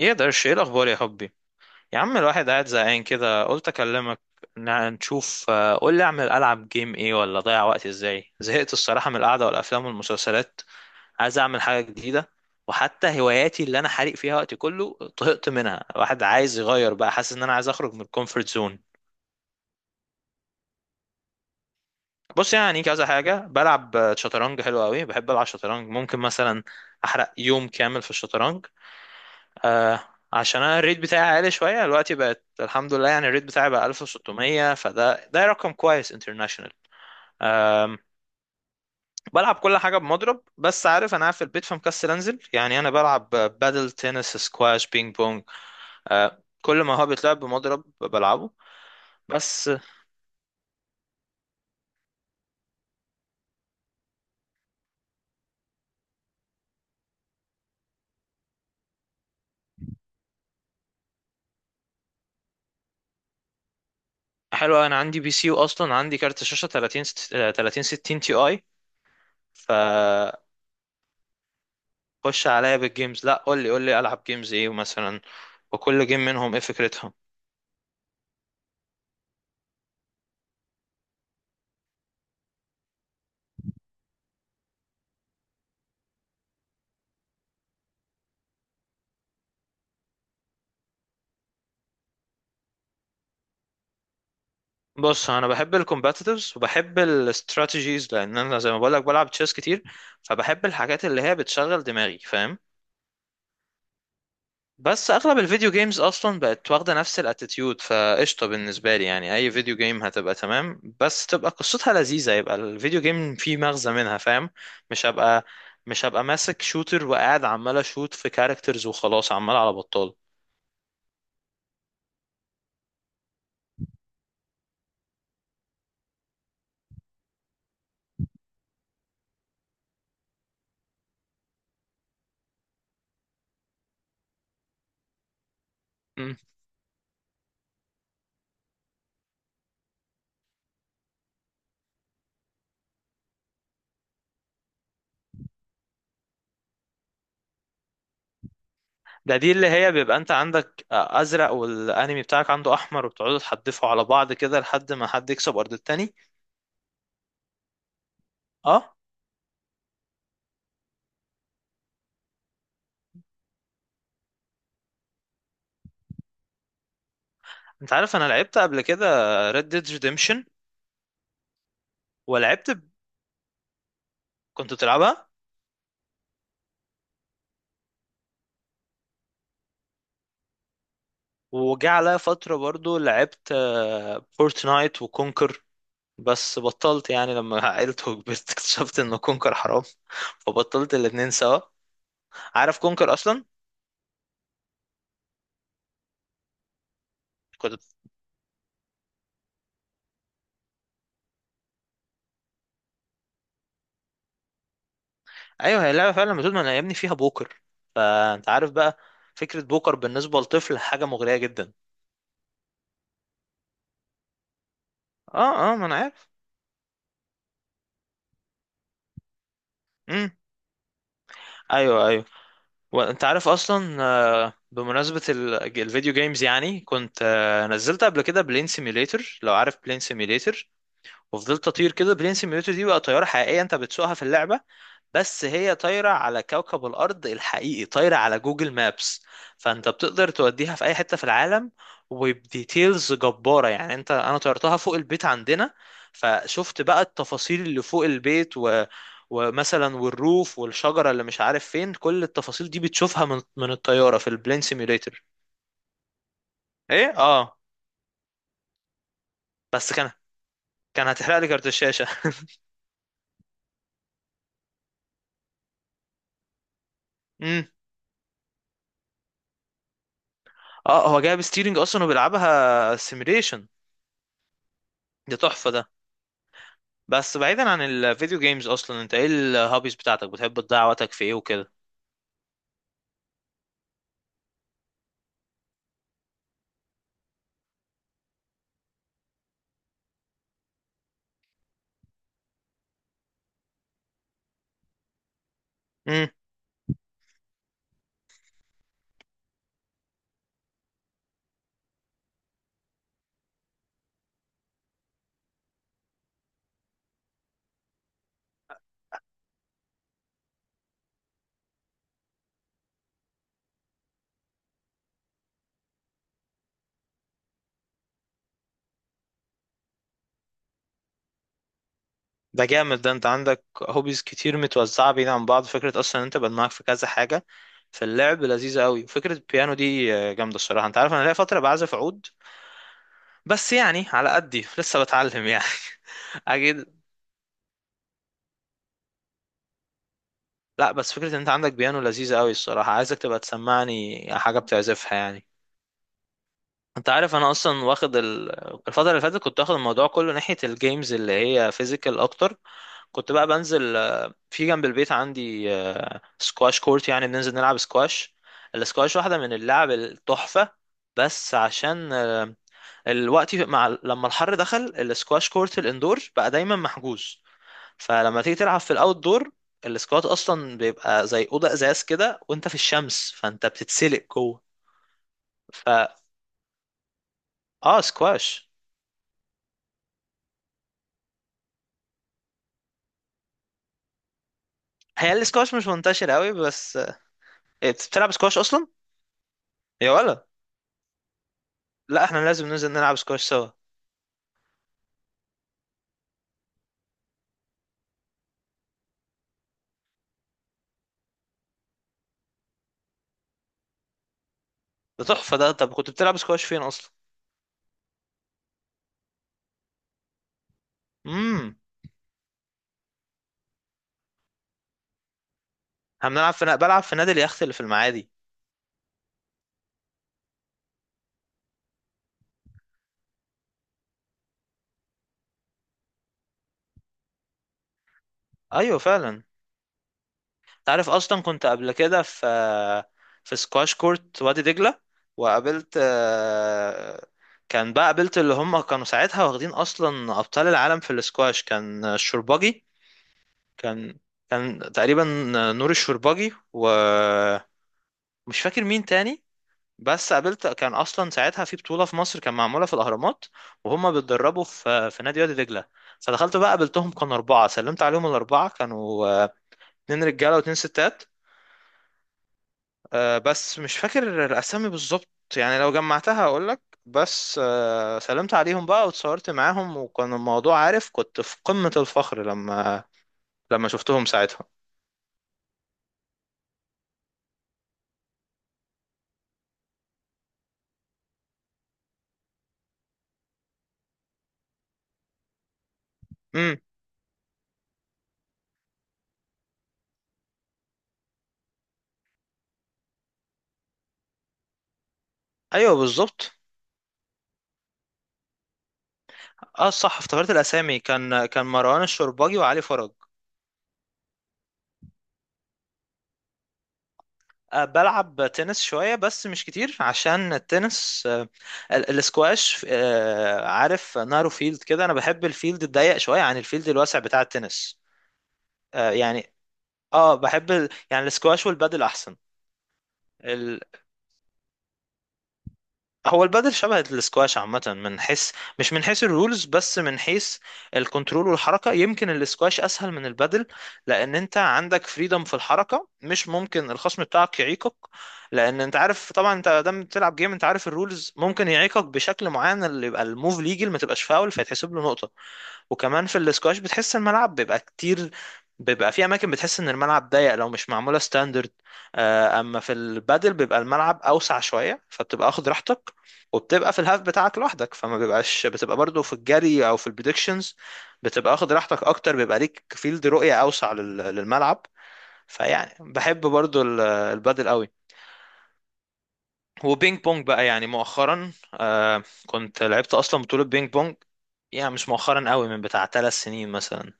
ايه ده، ايه الاخبار يا حبي؟ يا عم، الواحد قاعد زهقان كده قلت اكلمك. نشوف. قول لي، العب جيم ايه ولا اضيع وقتي ازاي؟ زهقت الصراحه من القعده والافلام والمسلسلات. عايز اعمل حاجه جديده. وحتى هواياتي اللي انا حارق فيها وقتي كله طهقت منها. الواحد عايز يغير بقى، حاسس ان انا عايز اخرج من الكومفورت زون. بص، يعني كذا حاجه بلعب، شطرنج حلو قوي. بحب العب شطرنج، ممكن مثلا احرق يوم كامل في الشطرنج. آه. عشان انا الريت بتاعي عالي شويه دلوقتي، بقت الحمد لله. يعني الريت بتاعي بقى 1600، فده رقم كويس انترناشونال. أم، بلعب كل حاجه بمضرب، بس عارف انا قاعد في البيت فمكسل انزل. يعني انا بلعب بادل، تنس، سكواش، بينج بونج. كل ما هو بيتلعب بمضرب بلعبه. بس. حلو، انا عندي بي سي، واصلا عندي كارت شاشه 30 ست- آه، 30 60 تي اي. ف خش عليا بالجيمز، لا قول لي العب جيمز ايه مثلا، وكل جيم منهم ايه فكرتها. بص، انا بحب الكومباتيتيفز وبحب الاستراتيجيز، لان انا زي ما بقول لك بلعب تشيس كتير. فبحب الحاجات اللي هي بتشغل دماغي، فاهم؟ بس اغلب الفيديو جيمز اصلا بقت واخده نفس الاتيتيود، فقشطه بالنسبه لي. يعني اي فيديو جيم هتبقى تمام، بس تبقى قصتها لذيذه، يبقى الفيديو جيم فيه مغزى منها، فاهم؟ مش هبقى مش هبقى ماسك شوتر وقاعد عمال اشوت في كاركترز وخلاص، عمال على بطال. دي اللي هي بيبقى انت عندك ازرق والانمي بتاعك عنده احمر، وبتقعدوا تحدفوا على بعض كده لحد ما حد يكسب ارض التاني. اه. انت عارف انا لعبت قبل كده Red Dead Redemption. ولعبت ب... كنت بتلعبها. وجه عليا فترة برضو، لعبت فورتنايت وكونكر. بس بطلت، يعني لما عقلت وكبرت اكتشفت ان كونكر حرام فبطلت الاتنين سوا. عارف كونكر اصلا؟ كنت. ايوه، هي لعبة فعلا بتقول ما انا يا ابني فيها بوكر، فانت عارف بقى. فكرة بوكر بالنسبة لطفل حاجة مغرية جدا. اه، اه، ما انا عارف. امم. ايوه، ايوه. وانت عارف اصلا، بمناسبه الفيديو جيمز، يعني كنت نزلت قبل كده بلين سيميوليتر. لو عارف بلين سيميوليتر، وفضلت اطير كده. بلين سيميوليتر دي بقى طياره حقيقيه انت بتسوقها في اللعبه، بس هي طايرة على كوكب الأرض الحقيقي، طايرة على جوجل مابس. فأنت بتقدر توديها في أي حتة في العالم، وبديتيلز جبارة. يعني أنا طيرتها فوق البيت عندنا، فشفت بقى التفاصيل اللي فوق البيت. ومثلا والروف والشجرة اللي مش عارف فين، كل التفاصيل دي بتشوفها من الطيارة في البلين سيميوليتر. إيه، آه. بس كان هتحرق لي كارت الشاشة. امم. اه، هو جايب ستيرنج أصلا وبيلعبها سيميوليشن. دي تحفة ده. بس بعيدا عن الفيديو جيمز، اصلا انت ايه الهوبيز بتاعتك، بتحب تضيع وقتك في ايه وكده؟ امم. ده جامد ده، انت عندك هوبيز كتير متوزعه بعيد عن بعض، فكره اصلا إن انت بقى معاك في كذا حاجه، فاللعب لذيذه قوي. فكره البيانو دي جامده الصراحه. انت عارف انا ليا فتره بعزف عود، بس يعني على قدي لسه بتعلم يعني. اكيد. لا، بس فكره ان انت عندك بيانو لذيذه قوي الصراحه، عايزك تبقى تسمعني حاجه بتعزفها يعني. انت عارف انا اصلا واخد الفتره اللي فاتت كنت واخد الموضوع كله ناحيه الجيمز اللي هي فيزيكال اكتر. كنت بقى بنزل، في جنب البيت عندي سكواش كورت، يعني بننزل نلعب سكواش. السكواش واحدة من اللعب التحفة. بس عشان الوقت، مع لما الحر دخل السكواش كورت الاندور بقى دايما محجوز، فلما تيجي تلعب في الاوت دور، السكوات اصلا بيبقى زي اوضه ازاز كده وانت في الشمس، فانت بتتسلق جوه. فا اه، سكواش. هي السكواش مش منتشر قوي، بس. إيه، بتلعب سكواش اصلا؟ يا ولا؟ لا احنا لازم ننزل نلعب سكواش سوا. ده تحفة ده، طب كنت بتلعب سكواش فين أصلا؟ امم. احنا بنلعب في بلعب في نادي اليخت اللي في المعادي. أيوة فعلا. أنت عارف أصلا كنت قبل كده في سكواش كورت وادي دجلة، وقابلت آه، كان بقى قابلت اللي هم كانوا ساعتها واخدين أصلا أبطال العالم في السكواش، كان الشرباجي. كان كان تقريبا نور الشرباجي ومش فاكر مين تاني. بس قابلت كان اصلا ساعتها في بطوله في مصر، كان معموله في الاهرامات، وهم بيتدربوا في نادي وادي دجله. فدخلت بقى قابلتهم، كانوا اربعه، سلمت عليهم الاربعه، كانوا اتنين رجاله واتنين ستات. بس مش فاكر الاسامي بالظبط، يعني لو جمعتها هقول لك. بس سلمت عليهم بقى واتصورت معاهم، وكان الموضوع، عارف، كنت في قمه الفخر لما شفتهم ساعتها. امم. ايوه بالظبط. اه صح، افتكرت الاسامي، كان مروان الشربجي وعلي فرج. بلعب تنس شوية بس مش كتير، عشان التنس الاسكواش، عارف نارو فيلد كده، انا بحب الفيلد الضيق شوية عن الفيلد الواسع بتاع التنس. يعني. اه، بحب يعني الاسكواش والبادل احسن. هو البادل شبه الاسكواش عامة، من حيث، مش من حيث الرولز، بس من حيث الكنترول والحركة. يمكن الاسكواش أسهل من البادل، لأن أنت عندك فريدم في الحركة، مش ممكن الخصم بتاعك يعيقك. لأن أنت عارف طبعا، أنت دام بتلعب جيم أنت عارف الرولز ممكن يعيقك بشكل معين، اللي يبقى الموف ليجل ما تبقاش فاول فيتحسب له نقطة. وكمان في الاسكواش بتحس الملعب بيبقى كتير، بيبقى في اماكن بتحس ان الملعب ضيق لو مش معموله ستاندرد. اما في البادل بيبقى الملعب اوسع شويه، فبتبقى واخد راحتك، وبتبقى في الهاف بتاعك لوحدك، فما بيبقاش بتبقى برضو في الجري او في البريدكشنز، بتبقى واخد راحتك اكتر، بيبقى ليك فيلد رؤية اوسع للملعب. فيعني بحب برضو البادل قوي. وبينج بونج بقى، يعني مؤخرا كنت لعبت اصلا بطولة بينج بونج. يعني مش مؤخرا قوي، من بتاع 3 سنين مثلا،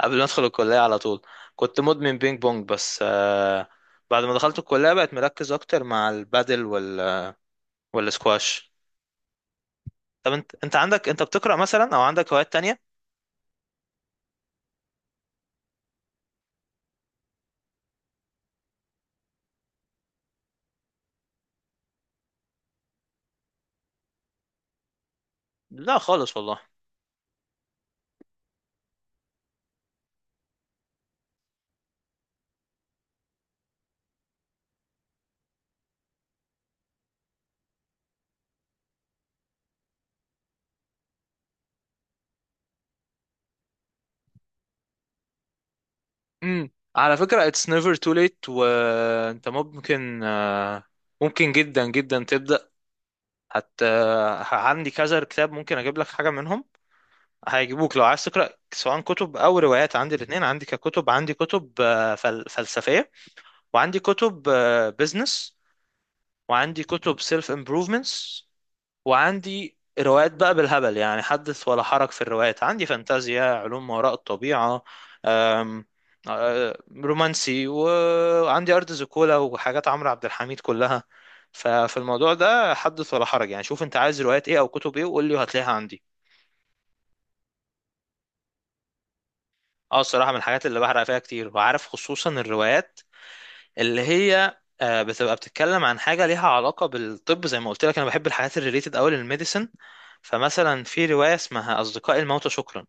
قبل ما ادخل الكلية على طول. كنت مدمن بينج بونج، بس. بعد ما دخلت الكلية بقت مركز اكتر مع البادل والسكواش. طب انت عندك، بتقرأ مثلا او عندك هوايات تانية؟ لا خالص والله. امم، على فكرة it's never too late، وانت ممكن، ممكن جدا جدا تبدأ. حتى عندي كذا كتاب ممكن اجيب لك حاجة منهم هيجيبوك لو عايز تقرأ، سواء كتب او روايات، عندي الاثنين. عندي كتب فلسفية، وعندي كتب بزنس، وعندي كتب سيلف امبروفمنتس. وعندي روايات بقى بالهبل يعني، حدث ولا حرج في الروايات عندي، فانتازيا، علوم ما وراء الطبيعة، أم، رومانسي، وعندي أرض زيكولا وحاجات عمرو عبد الحميد كلها. ففي الموضوع ده حدث ولا حرج، يعني شوف انت عايز روايات ايه او كتب ايه، وقول لي وهتلاقيها عندي. اه الصراحة، من الحاجات اللي بحرق فيها كتير، وعارف، خصوصا الروايات اللي هي بتتكلم عن حاجة ليها علاقة بالطب، زي ما قلت لك انا بحب الحاجات الريليتد قوي للميديسن. فمثلا في رواية اسمها أصدقاء الموتى شكرا،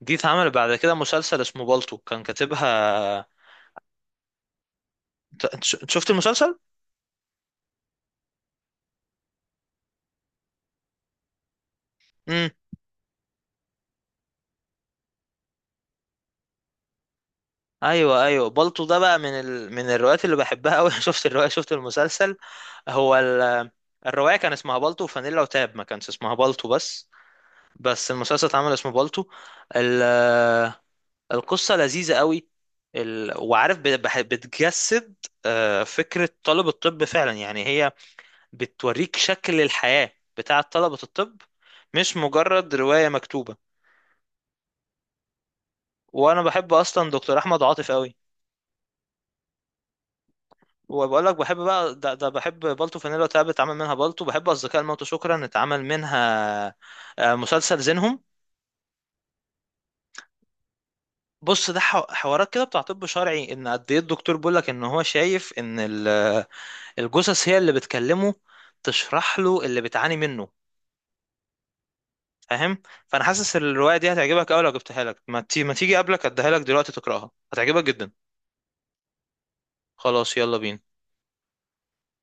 دي اتعمل بعد كده مسلسل اسمه بالطو، كان كاتبها. انت شفت المسلسل؟ ايوه ايوه، بالطو ده بقى من من الروايات اللي بحبها قوي. شفت الروايه، شفت المسلسل. هو الروايه كان اسمها بالطو وفانيلا وتاب، ما كانش اسمها بالطو بس، بس المسلسل اتعمل اسمه بالطو. ال... القصه لذيذه قوي. وعارف، بتجسد فكره طلب الطب فعلا. يعني هي بتوريك شكل الحياه بتاعه طلبه الطب، مش مجرد روايه مكتوبه. وانا بحب اصلا دكتور احمد عاطف قوي. وبقول لك بحب بقى ده، بحب بالتو فانيلا وتعب، اتعمل منها بالتو، بحب اصدقاء الموت شكرا، اتعمل منها مسلسل زينهم. بص ده حوارات كده بتاع طب شرعي، ان قد ايه الدكتور بيقول لك ان هو شايف ان الجثث هي اللي بتكلمه، تشرح له اللي بتعاني منه، فاهم؟ فانا حاسس الروايه دي هتعجبك قوي، لو جبتها لك ما تيجي قبلك اديها لك دلوقتي تقراها هتعجبك جدا. خلاص، يلا بينا.